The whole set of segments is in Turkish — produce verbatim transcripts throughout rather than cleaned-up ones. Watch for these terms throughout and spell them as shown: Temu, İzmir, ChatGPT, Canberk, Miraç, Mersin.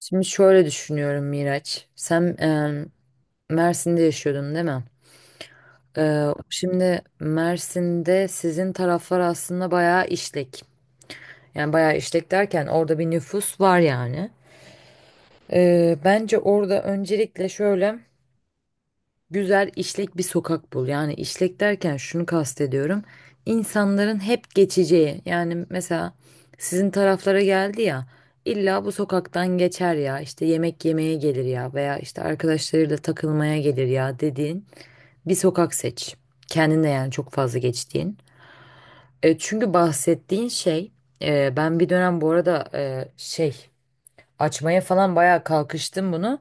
Şimdi şöyle düşünüyorum Miraç. Sen e, Mersin'de yaşıyordun değil mi? E, şimdi Mersin'de sizin taraflar aslında bayağı işlek. Yani bayağı işlek derken orada bir nüfus var yani. E, bence orada öncelikle şöyle, güzel işlek bir sokak bul. Yani işlek derken şunu kastediyorum. İnsanların hep geçeceği. Yani mesela sizin taraflara geldi ya. İlla bu sokaktan geçer ya. İşte yemek yemeye gelir ya veya işte arkadaşlarıyla takılmaya gelir ya dediğin bir sokak seç. Kendine yani çok fazla geçtiğin. E, çünkü bahsettiğin şey, e, ben bir dönem bu arada e, şey açmaya falan bayağı kalkıştım bunu.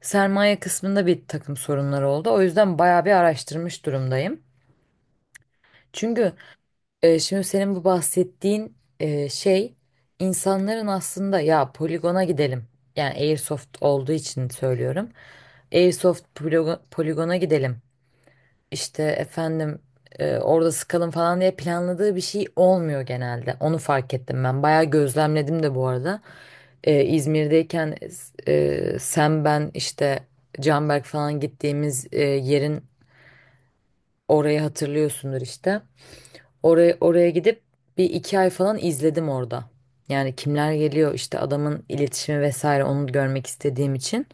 Sermaye kısmında bir takım sorunlar oldu. O yüzden bayağı bir araştırmış durumdayım. Çünkü e, şimdi senin bu bahsettiğin e, şey, insanların aslında ya poligona gidelim. Yani Airsoft olduğu için söylüyorum. Airsoft poligo- poligona gidelim işte efendim, e, orada sıkalım falan diye planladığı bir şey olmuyor genelde. Onu fark ettim ben. Bayağı gözlemledim de bu arada. E, İzmir'deyken, e, sen ben işte Canberk falan gittiğimiz e, yerin, orayı hatırlıyorsundur işte. Oraya, oraya gidip bir iki ay falan izledim orada. Yani kimler geliyor işte, adamın iletişimi vesaire, onu görmek istediğim için.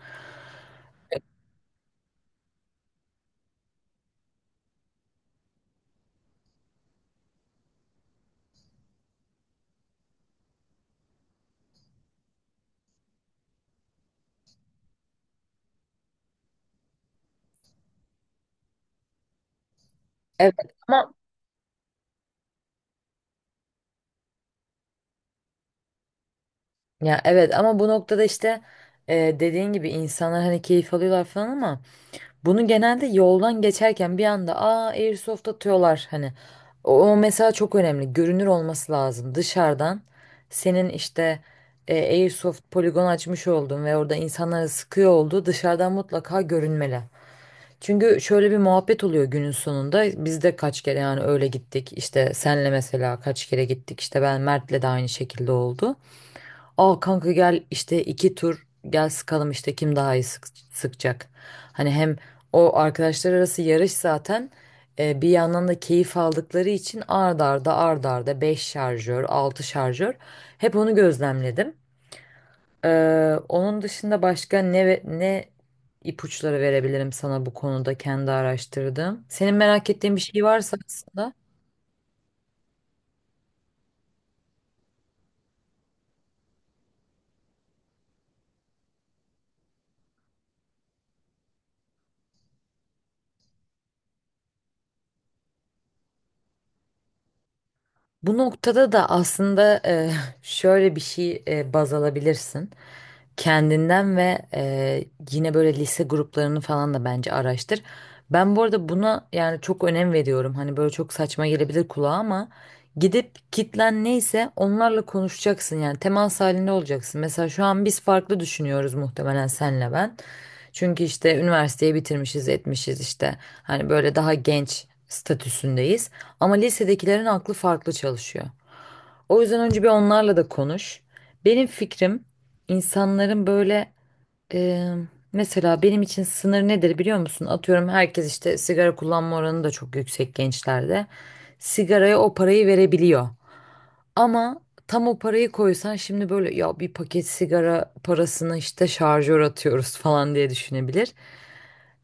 Evet ama Ya evet, ama bu noktada işte, e, dediğin gibi insanlar hani keyif alıyorlar falan ama bunu genelde yoldan geçerken bir anda aa airsoft atıyorlar hani. O, o mesela çok önemli, görünür olması lazım dışarıdan. Senin işte e, airsoft poligon açmış oldun ve orada insanlara sıkıyor olduğu dışarıdan mutlaka görünmeli. Çünkü şöyle bir muhabbet oluyor günün sonunda. Biz de kaç kere yani öyle gittik. İşte senle mesela kaç kere gittik. İşte ben Mert'le de aynı şekilde oldu. Aa kanka gel işte, iki tur gel sıkalım, işte kim daha iyi sık- sıkacak. Hani hem o arkadaşlar arası yarış zaten, e, bir yandan da keyif aldıkları için ard arda ard arda beş şarjör, altı şarjör, hep onu gözlemledim. Ee, onun dışında başka ne ve- ne ipuçları verebilirim sana bu konuda, kendi araştırdım. Senin merak ettiğin bir şey varsa aslında. Bu noktada da aslında e, şöyle bir şey e, baz alabilirsin. Kendinden ve e, yine böyle lise gruplarını falan da bence araştır. Ben bu arada buna yani çok önem veriyorum. Hani böyle çok saçma gelebilir kulağa ama gidip kitlen neyse onlarla konuşacaksın. Yani temas halinde olacaksın. Mesela şu an biz farklı düşünüyoruz muhtemelen, senle ben. Çünkü işte üniversiteyi bitirmişiz, etmişiz işte. Hani böyle daha genç statüsündeyiz. Ama lisedekilerin aklı farklı çalışıyor. O yüzden önce bir onlarla da konuş. Benim fikrim, insanların böyle, e, mesela benim için sınır nedir biliyor musun? Atıyorum, herkes işte sigara kullanma oranı da çok yüksek gençlerde. Sigaraya o parayı verebiliyor. Ama tam o parayı koysan şimdi, böyle ya bir paket sigara parasını işte şarjör atıyoruz falan diye düşünebilir.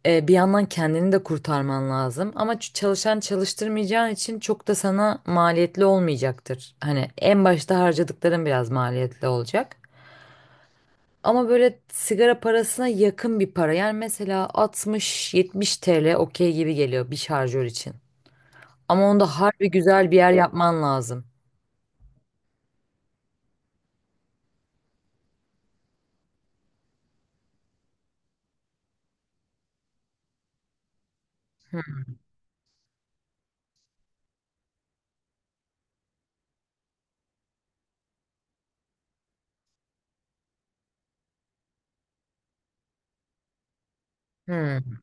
E, bir yandan kendini de kurtarman lazım ama ç- çalışan çalıştırmayacağın için çok da sana maliyetli olmayacaktır. Hani en başta harcadıkların biraz maliyetli olacak. Ama böyle sigara parasına yakın bir para. Yani mesela altmış yetmiş T L okey gibi geliyor bir şarjör için. Ama onda harbi güzel bir yer yapman lazım. Hmm.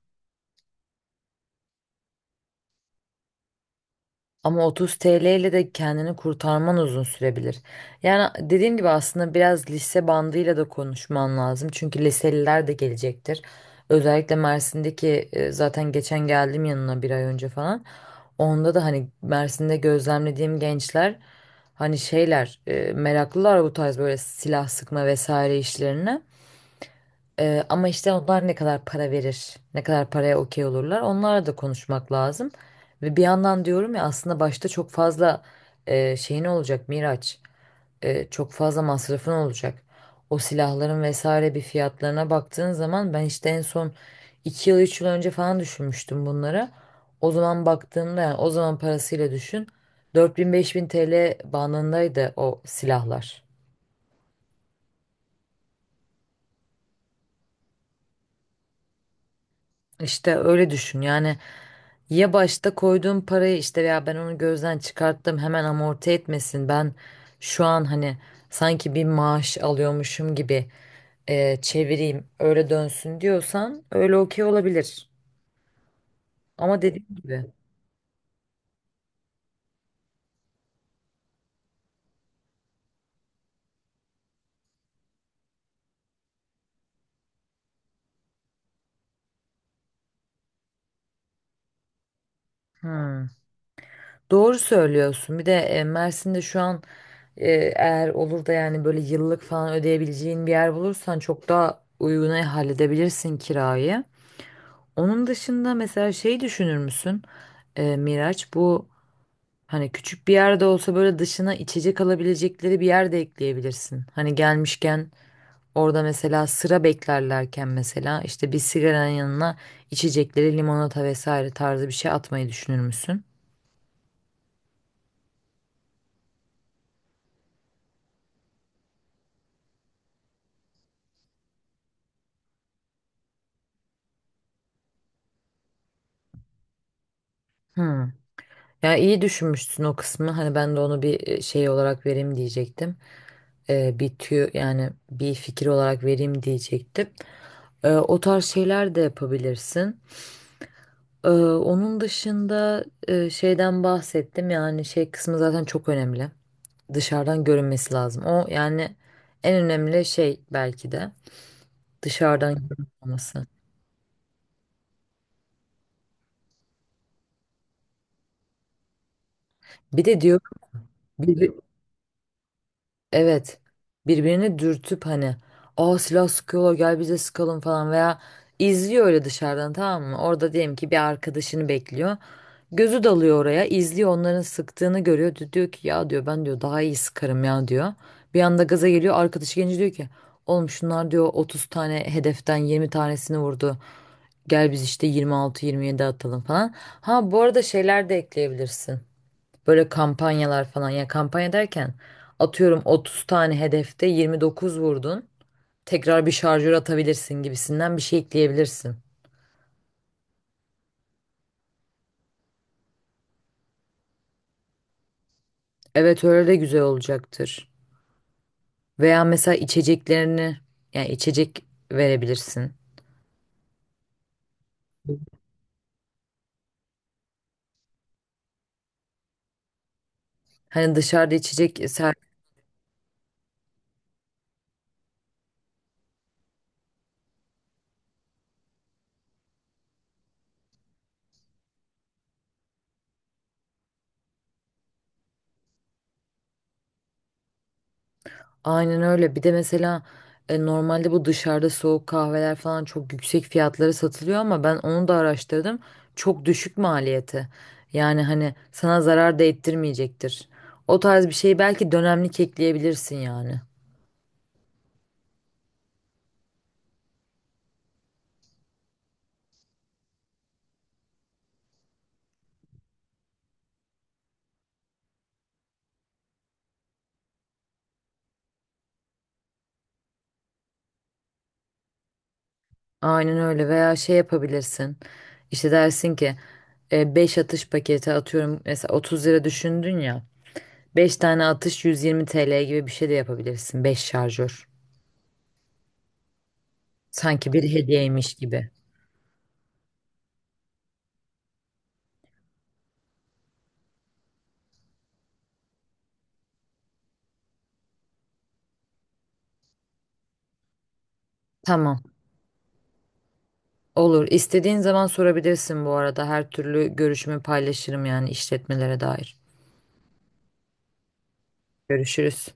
Ama otuz T L ile de kendini kurtarman uzun sürebilir. Yani dediğim gibi, aslında biraz lise bandıyla da konuşman lazım. Çünkü liseliler de gelecektir. Özellikle Mersin'deki, e, zaten geçen geldim yanına bir ay önce falan. Onda da hani Mersin'de gözlemlediğim gençler, hani şeyler, e, meraklılar bu tarz böyle silah sıkma vesaire işlerine. Ee, ama işte onlar ne kadar para verir, ne kadar paraya okey olurlar, onlarla da konuşmak lazım. Ve bir yandan diyorum ya, aslında başta çok fazla e, şeyin olacak Miraç, e, çok fazla masrafın olacak. O silahların vesaire bir fiyatlarına baktığın zaman, ben işte en son iki yıl üç yıl önce falan düşünmüştüm bunları. O zaman baktığımda yani, o zaman parasıyla düşün, dört bin beş bin T L bandındaydı o silahlar. İşte öyle düşün yani. Ya başta koyduğum parayı işte, ya ben onu gözden çıkarttım, hemen amorti etmesin, ben şu an hani sanki bir maaş alıyormuşum gibi e, çevireyim öyle dönsün diyorsan öyle okey olabilir, ama dediğim gibi. Hmm, doğru söylüyorsun. Bir de e, Mersin'de şu an, e, eğer olur da yani böyle yıllık falan ödeyebileceğin bir yer bulursan çok daha uyguna halledebilirsin kirayı. Onun dışında mesela şey düşünür müsün? Ee, Miraç, bu hani küçük bir yerde olsa böyle dışına içecek alabilecekleri bir yer de ekleyebilirsin. Hani gelmişken orada mesela sıra beklerlerken, mesela işte bir sigaranın yanına içecekleri, limonata vesaire tarzı bir şey atmayı düşünür müsün? Hmm. Ya iyi düşünmüşsün o kısmı. Hani ben de onu bir e, şey olarak vereyim diyecektim. Ee, bir tüyo yani bir fikir olarak vereyim diyecektim. Ee, o tarz şeyler de yapabilirsin. Ee, onun dışında e, şeyden bahsettim, yani şey kısmı zaten çok önemli. Dışarıdan görünmesi lazım. O yani en önemli şey belki de dışarıdan görünmesi. Bir de diyor bir, evet, birbirini dürtüp hani aa silah sıkıyorlar gel bize sıkalım falan, veya izliyor öyle dışarıdan, tamam mı? Orada diyelim ki bir arkadaşını bekliyor. Gözü dalıyor oraya, izliyor, onların sıktığını görüyor. Di- Diyor ki, ya diyor, ben diyor daha iyi sıkarım ya diyor. Bir anda gaza geliyor, arkadaşı gelince diyor ki, oğlum şunlar diyor otuz tane hedeften yirmi tanesini vurdu. Gel biz işte yirmi altı yirmi yediye atalım falan. Ha bu arada şeyler de ekleyebilirsin. Böyle kampanyalar falan, ya kampanya derken, atıyorum otuz tane hedefte yirmi dokuz vurdun, tekrar bir şarjör atabilirsin gibisinden bir şey ekleyebilirsin. Evet, öyle de güzel olacaktır. Veya mesela içeceklerini, yani içecek verebilirsin. Hani dışarıda içecek ser, aynen öyle. Bir de mesela e, normalde bu dışarıda soğuk kahveler falan çok yüksek fiyatlara satılıyor ama ben onu da araştırdım. Çok düşük maliyeti. Yani hani sana zarar da ettirmeyecektir. O tarz bir şeyi belki dönemlik ekleyebilirsin yani. Aynen öyle, veya şey yapabilirsin. İşte dersin ki e, beş atış paketi atıyorum, mesela otuz lira düşündün ya. Beş tane atış yüz yirmi T L gibi bir şey de yapabilirsin. Beş şarjör. Sanki bir hediyeymiş gibi. Tamam. Olur. İstediğin zaman sorabilirsin bu arada. Her türlü görüşümü paylaşırım yani işletmelere dair. Görüşürüz.